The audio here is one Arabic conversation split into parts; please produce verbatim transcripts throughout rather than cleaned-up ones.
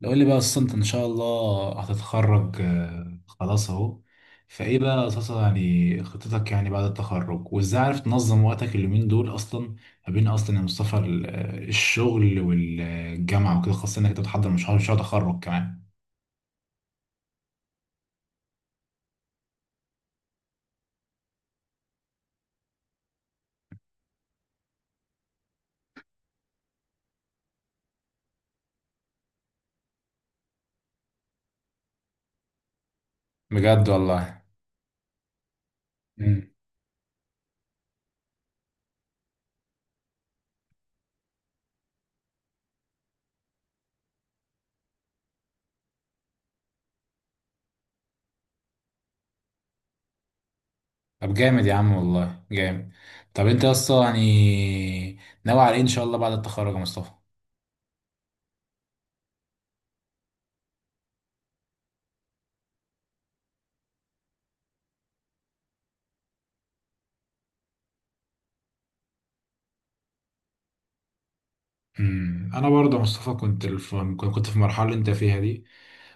لو قول لي بقى اصلا انت ان شاء الله هتتخرج، آه، خلاص اهو فايه بقى اساسا يعني خطتك، يعني بعد التخرج وازاي عارف تنظم وقتك اليومين دول اصلا ما بين اصلا يا مصطفى ال- آه، الشغل والجامعه وكده، خاصه انك انت بتحضر مشروع مشروع تخرج كمان. بجد والله. مم. طب جامد يا عم والله جامد. طب انت اصلا يعني ناوي على ايه ان شاء الله بعد التخرج يا مصطفى؟ امم انا برضه يا مصطفى كنت الف... كنت في المرحله اللي انت فيها دي،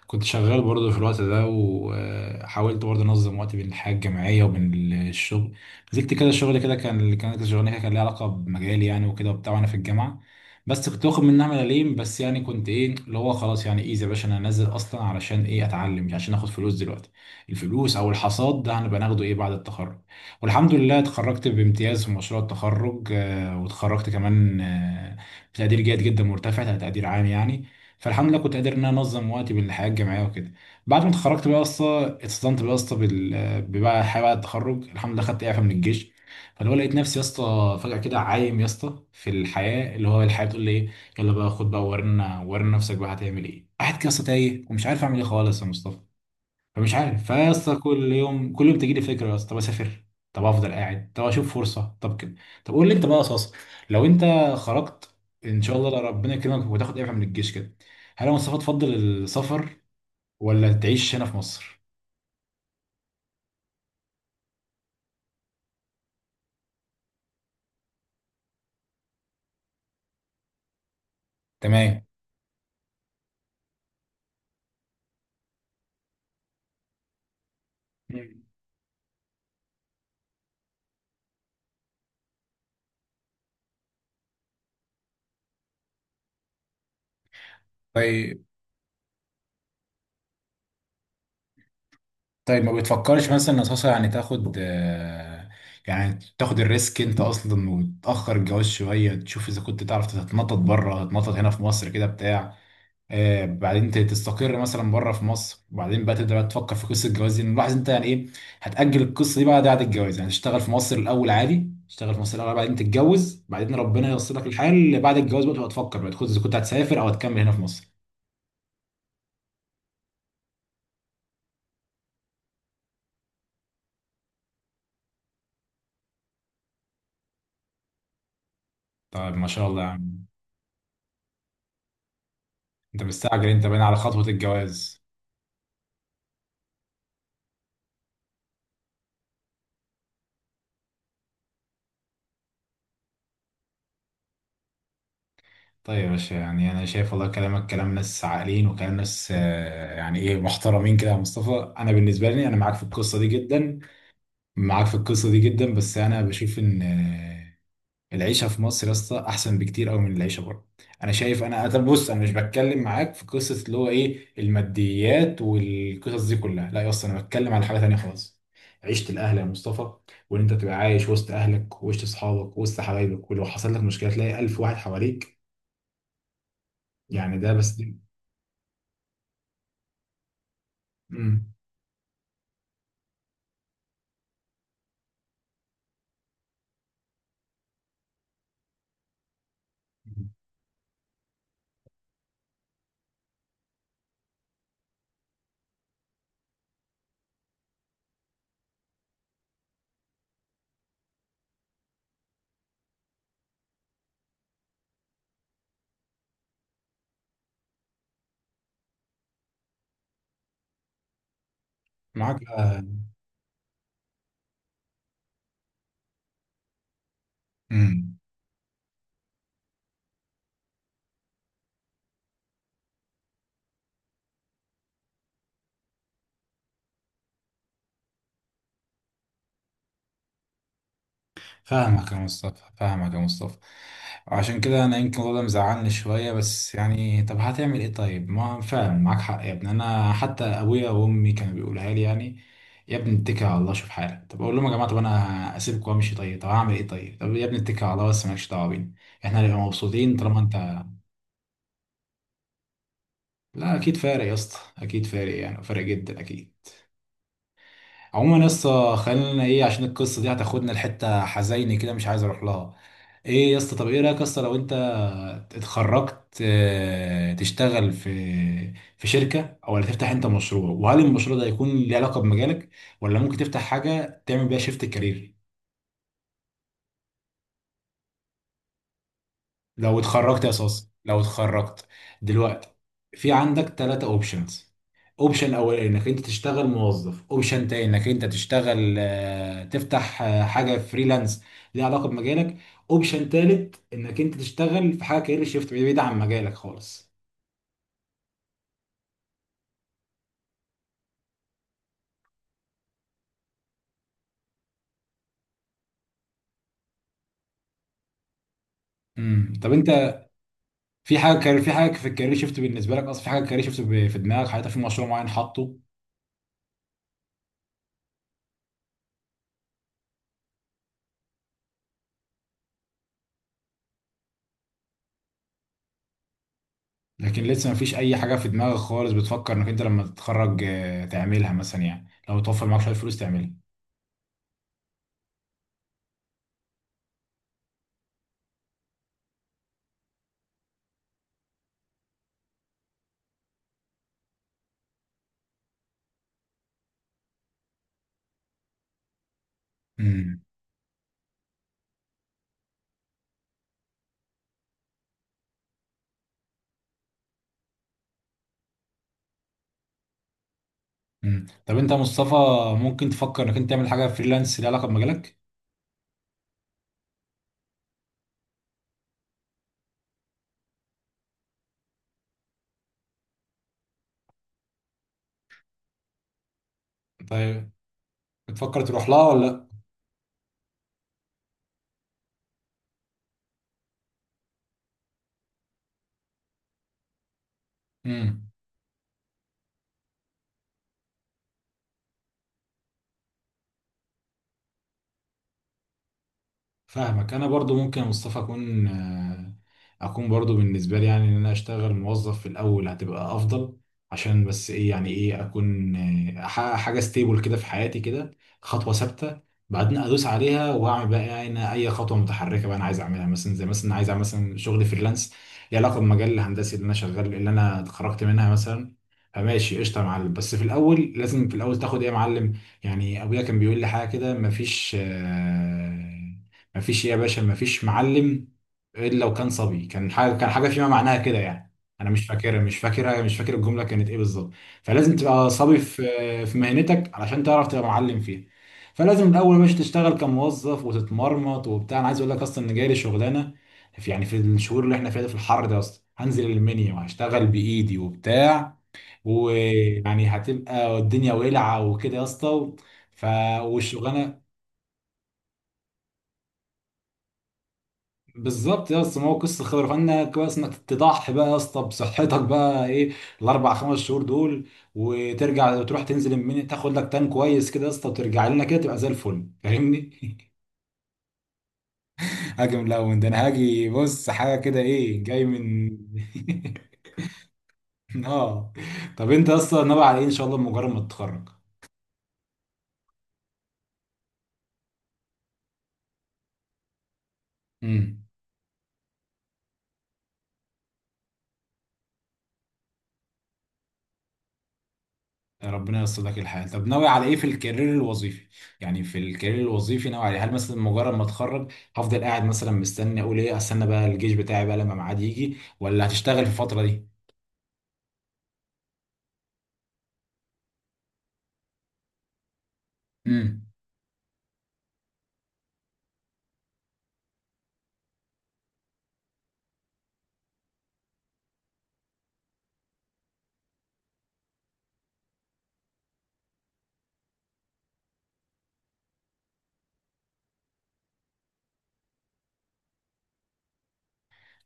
كنت شغال برضه في الوقت ده وحاولت برضه انظم وقتي بين الحياه الجامعيه وبين الشغل. نزلت كده شغل كده، كان اللي كانت شغلانه كده كان ليها علاقه بمجالي يعني وكده وبتاع، وانا في الجامعه. بس كنت واخد منها ملاليم بس، يعني كنت ايه اللي هو خلاص يعني، ايه يا باشا، انا هنزل اصلا علشان ايه؟ اتعلم، مش عشان اخد فلوس دلوقتي. الفلوس او الحصاد ده هنبقى ناخده ايه بعد التخرج. والحمد لله اتخرجت بامتياز في مشروع التخرج، آه، واتخرجت كمان آه، بتقدير جيد جدا مرتفع، تقدير عام يعني. فالحمد لله كنت قادر ان انا انظم وقتي بالحياه الجامعيه وكده. بعد ما اتخرجت بقى يا اسطى، اتصدمت بقى يا اسطى بال- بقى حياه بعد التخرج، الحمد لله خدت اعفاء من الجيش. فاللي هو لقيت نفسي يا اسطى فجاه كده عايم يا اسطى في الحياه، اللي هو الحياه بتقول لي ايه، يلا بقى خد بقى، ورينا ورينا نفسك بقى هتعمل ايه. قاعد كده يا اسطى تايه ومش عارف اعمل ايه خالص يا مصطفى. فمش عارف، فيا اسطى كل يوم كل يوم تجي لي فكره يا اسطى، طب اسافر، طب افضل قاعد، طب اشوف فرصه، طب كده. طب قول لي انت بقى اساسا، لو انت خرجت ان شاء الله، لو ربنا يكرمك وتاخد اعفاء من الجيش كده، هل يا مصطفى تفضل السفر ولا تعيش هنا في مصر؟ تمام. مم. طيب. طيب ما بتفكرش مثلا اساسا، يعني تاخد آه، يعني تاخد الريسك انت اصلا وتاخر الجواز شويه، تشوف اذا كنت تعرف تتنطط بره، تتنطط هنا في مصر كده بتاع، آه، بعدين ت- تستقر مثلا بره في مصر، وبعدين بقى تبدا بقى تفكر في قصه الجواز دي، إن لاحظ انت يعني ايه، هتاجل القصه دي بقى بعد الجواز، يعني تشتغل في مصر الاول عادي، تشتغل في مصر الاول بعدين تتجوز، بعدين ربنا ييسر لك الحال اللي بعد الجواز بقى، تبقى تفكر بقى تخد- اذا كنت هتسافر او هتكمل هنا في مصر. طيب ما شاء الله يا عم. انت مستعجل، انت باين على خطوه الجواز. طيب يا باشا، يعني انا شايف والله كلامك كلام ناس عاقلين وكلام ناس آه، يعني ايه محترمين كده يا مصطفى، انا بالنسبه لي انا معاك في القصه دي جدا. معاك في القصة دي جدا، بس أنا بشوف إن العيشه في مصر يا اسطى احسن بكتير قوي من العيشه بره. انا شايف انا، طب بص، انا مش بتكلم معاك في قصه اللي هو ايه الماديات والقصص دي كلها، لا يا اسطى انا بتكلم على حاجه تانية خالص، عيشه الاهل يا مصطفى. وان انت تبقى عايش وسط اهلك وسط اصحابك وسط حبايبك، ولو حصل لك مشكله تلاقي الف واحد حواليك. يعني ده بس دي. مم. معاك. مم. فاهمك يا مصطفى، فاهمك يا مصطفى. عشان كده انا يمكن الموضوع ده مزعلني شويه، بس يعني طب هتعمل ايه، طيب ما فعلا معاك حق يا ابني. انا حتى ابويا وامي كانوا بيقولها لي يعني، يا ابني اتكل على الله شوف حالك. طب اقول لهم يا جماعه، طب انا اسيبك وامشي، طيب طب هعمل ايه، طيب طب يا ابني اتكل على الله، بس مالكش دعوه بينا، احنا هنبقى مبسوطين طالما انت. لا اكيد فارق يا اسطى، اكيد فارق يعني، فارق جدا اكيد. عموما يا اسطى خلينا ايه، عشان القصه دي هتاخدنا لحته حزينه كده مش عايز اروح لها. ايه يا اسطى، طب ايه رايك يا اسطى، لو انت اتخرجت آه، تشتغل في في شركة او، ولا تفتح انت مشروع، وهل المشروع ده هيكون ليه علاقة بمجالك، ولا ممكن تفتح حاجة تعمل بيها شيفت كارير؟ لو اتخرجت يا صاص، لو اتخرجت دلوقتي، في عندك ثلاثة اوبشنز. اوبشن اولاني انك انت تشتغل موظف، اوبشن تاني انك انت تشتغل آه، تفتح آه، حاجة فريلانس ليها علاقة بمجالك، اوبشن تالت انك انت تشتغل في حاجة كارير شيفت بعيد عن مجالك خالص. امم. طب انت في حاجه، كان في حاجه في الكارير شيفت بالنسبه لك اصلا، في حاجه كارير شيفت ب- في دماغك حاططها، في مشروع معين حاطه. لكن لسه ما فيش اي حاجه في دماغك خالص بتفكر انك انت لما تتخرج آه، تعملها مثلا، يعني لو توفر معاك شويه فلوس تعملها. امم. امم. طب انت يا مصطفى، ممكن تفكر انك انت تعمل حاجه فريلانس ليها علاقه بمجالك؟ طيب بتفكر تروح لها ولا لا؟ امم. فاهمك. انا برضو ممكن يا مصطفى اكون آه، اكون برضو بالنسبه لي، يعني ان انا اشتغل موظف في الاول هتبقى افضل، عشان بس ايه، يعني ايه اكون آه، احقق حاجه ستيبل كده في حياتي كده، خطوه ثابته، بعدين ادوس عليها واعمل بقى، يعني أنا اي خطوه متحركه بقى انا عايز اعملها مثلا، زي مثلا عايز اعمل مثلا شغل فريلانس ليه علاقه بالمجال الهندسي اللي انا شغال اللي انا اتخرجت منها مثلا. فماشي قشطه يا معلم، بس في الاول لازم في الاول تاخد ايه يا معلم. يعني ابويا كان بيقول لي حاجه كده، مفيش آه، مفيش يا باشا، مفيش معلم الا لو كان صبي، كان حاجه كان حاجه فيما معناها كده يعني، انا مش فاكرها، مش فاكرها، مش فاكر الجمله كانت ايه بالظبط. فلازم تبقى صبي في في مهنتك علشان تعرف تبقى معلم فيها. فلازم الاول باش تشتغل كموظف وتتمرمط وبتاع، انا عايز اقول لك اصلا ان جاي لي شغلانه في، يعني في الشهور اللي احنا فيها دي في الحر ده اصلا، هنزل المنيا وهشتغل بايدي وبتاع، ويعني هتبقى الدنيا ولعه وكده يا اسطى. ف... والشغلانه بالظبط يا اسطى، ما هو قصه خبره، فانا كويس انك تضحي بقى يا اسطى بصحتك بقى ايه الاربع خمس شهور دول، وترجع تروح تنزل المنيا تاخد لك تان كويس كده يا اسطى، وترجع لنا كده تبقى زي الفل، فاهمني؟ هاجي من الاول ده، انا هاجي، بص حاجه كده ايه، جاي من اه. طب انت يا اسطى ناوي على ايه ان شاء الله مجرد ما تتخرج؟ امم. يعني ربنا ييسر لك الحياة. طب ناوي على ايه في الكارير الوظيفي، يعني في الكارير الوظيفي ناوي على إيه؟ هل مثلا مجرد ما اتخرج هفضل قاعد مثلا مستني، اقول ايه، استنى بقى الجيش بتاعي بقى لما ميعاد يجي، ولا هتشتغل في الفترة دي؟ امم.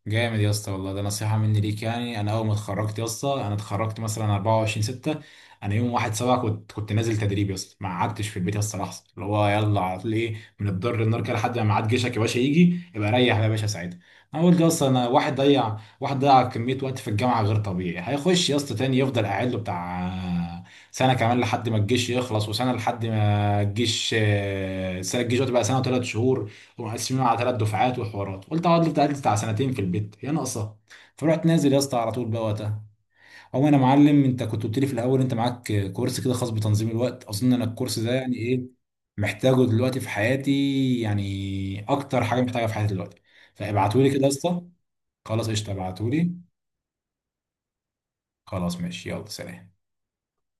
جامد يا اسطى والله، ده نصيحة مني ليك يعني. أنا أول ما اتخرجت يا اسطى، أنا اتخرجت مثلا أربعة وعشرين ستة، أنا يوم واحد سبعة كنت كنت نازل تدريب يا اسطى. ما قعدتش في البيت يا اسطى لحظة، اللي هو يلا على طول، إيه من الضر للنار كده لحد ما ميعاد جيشك يا باشا يجي يبقى ريح يا باشا ساعتها. أنا قلت يا اسطى، أنا واحد ضيع، واحد ضيع كمية وقت في الجامعة غير طبيعي، هيخش يا اسطى تاني يفضل قاعد له بتاع سنة كمان لحد ما الجيش يخلص، وسنة لحد ما الجيش آه، سنة الجيش دلوقتي بقى سنة وثلاث شهور ومقسمين على ثلاث دفعات وحوارات، قلت هقعد لي بتاع بتاع سنتين في البيت هي ناقصه. فرحت نازل يا اسطى على طول بقى وقتها. او انا معلم، انت كنت قلت لي في الاول انت معاك كورس كده خاص بتنظيم الوقت، اظن انا الكورس ده يعني ايه محتاجه دلوقتي في حياتي، يعني اكتر حاجه محتاجها في حياتي دلوقتي، فابعتولي كده يا اسطى. خلاص قشطه ابعتولي. خلاص ماشي، يلا سلام.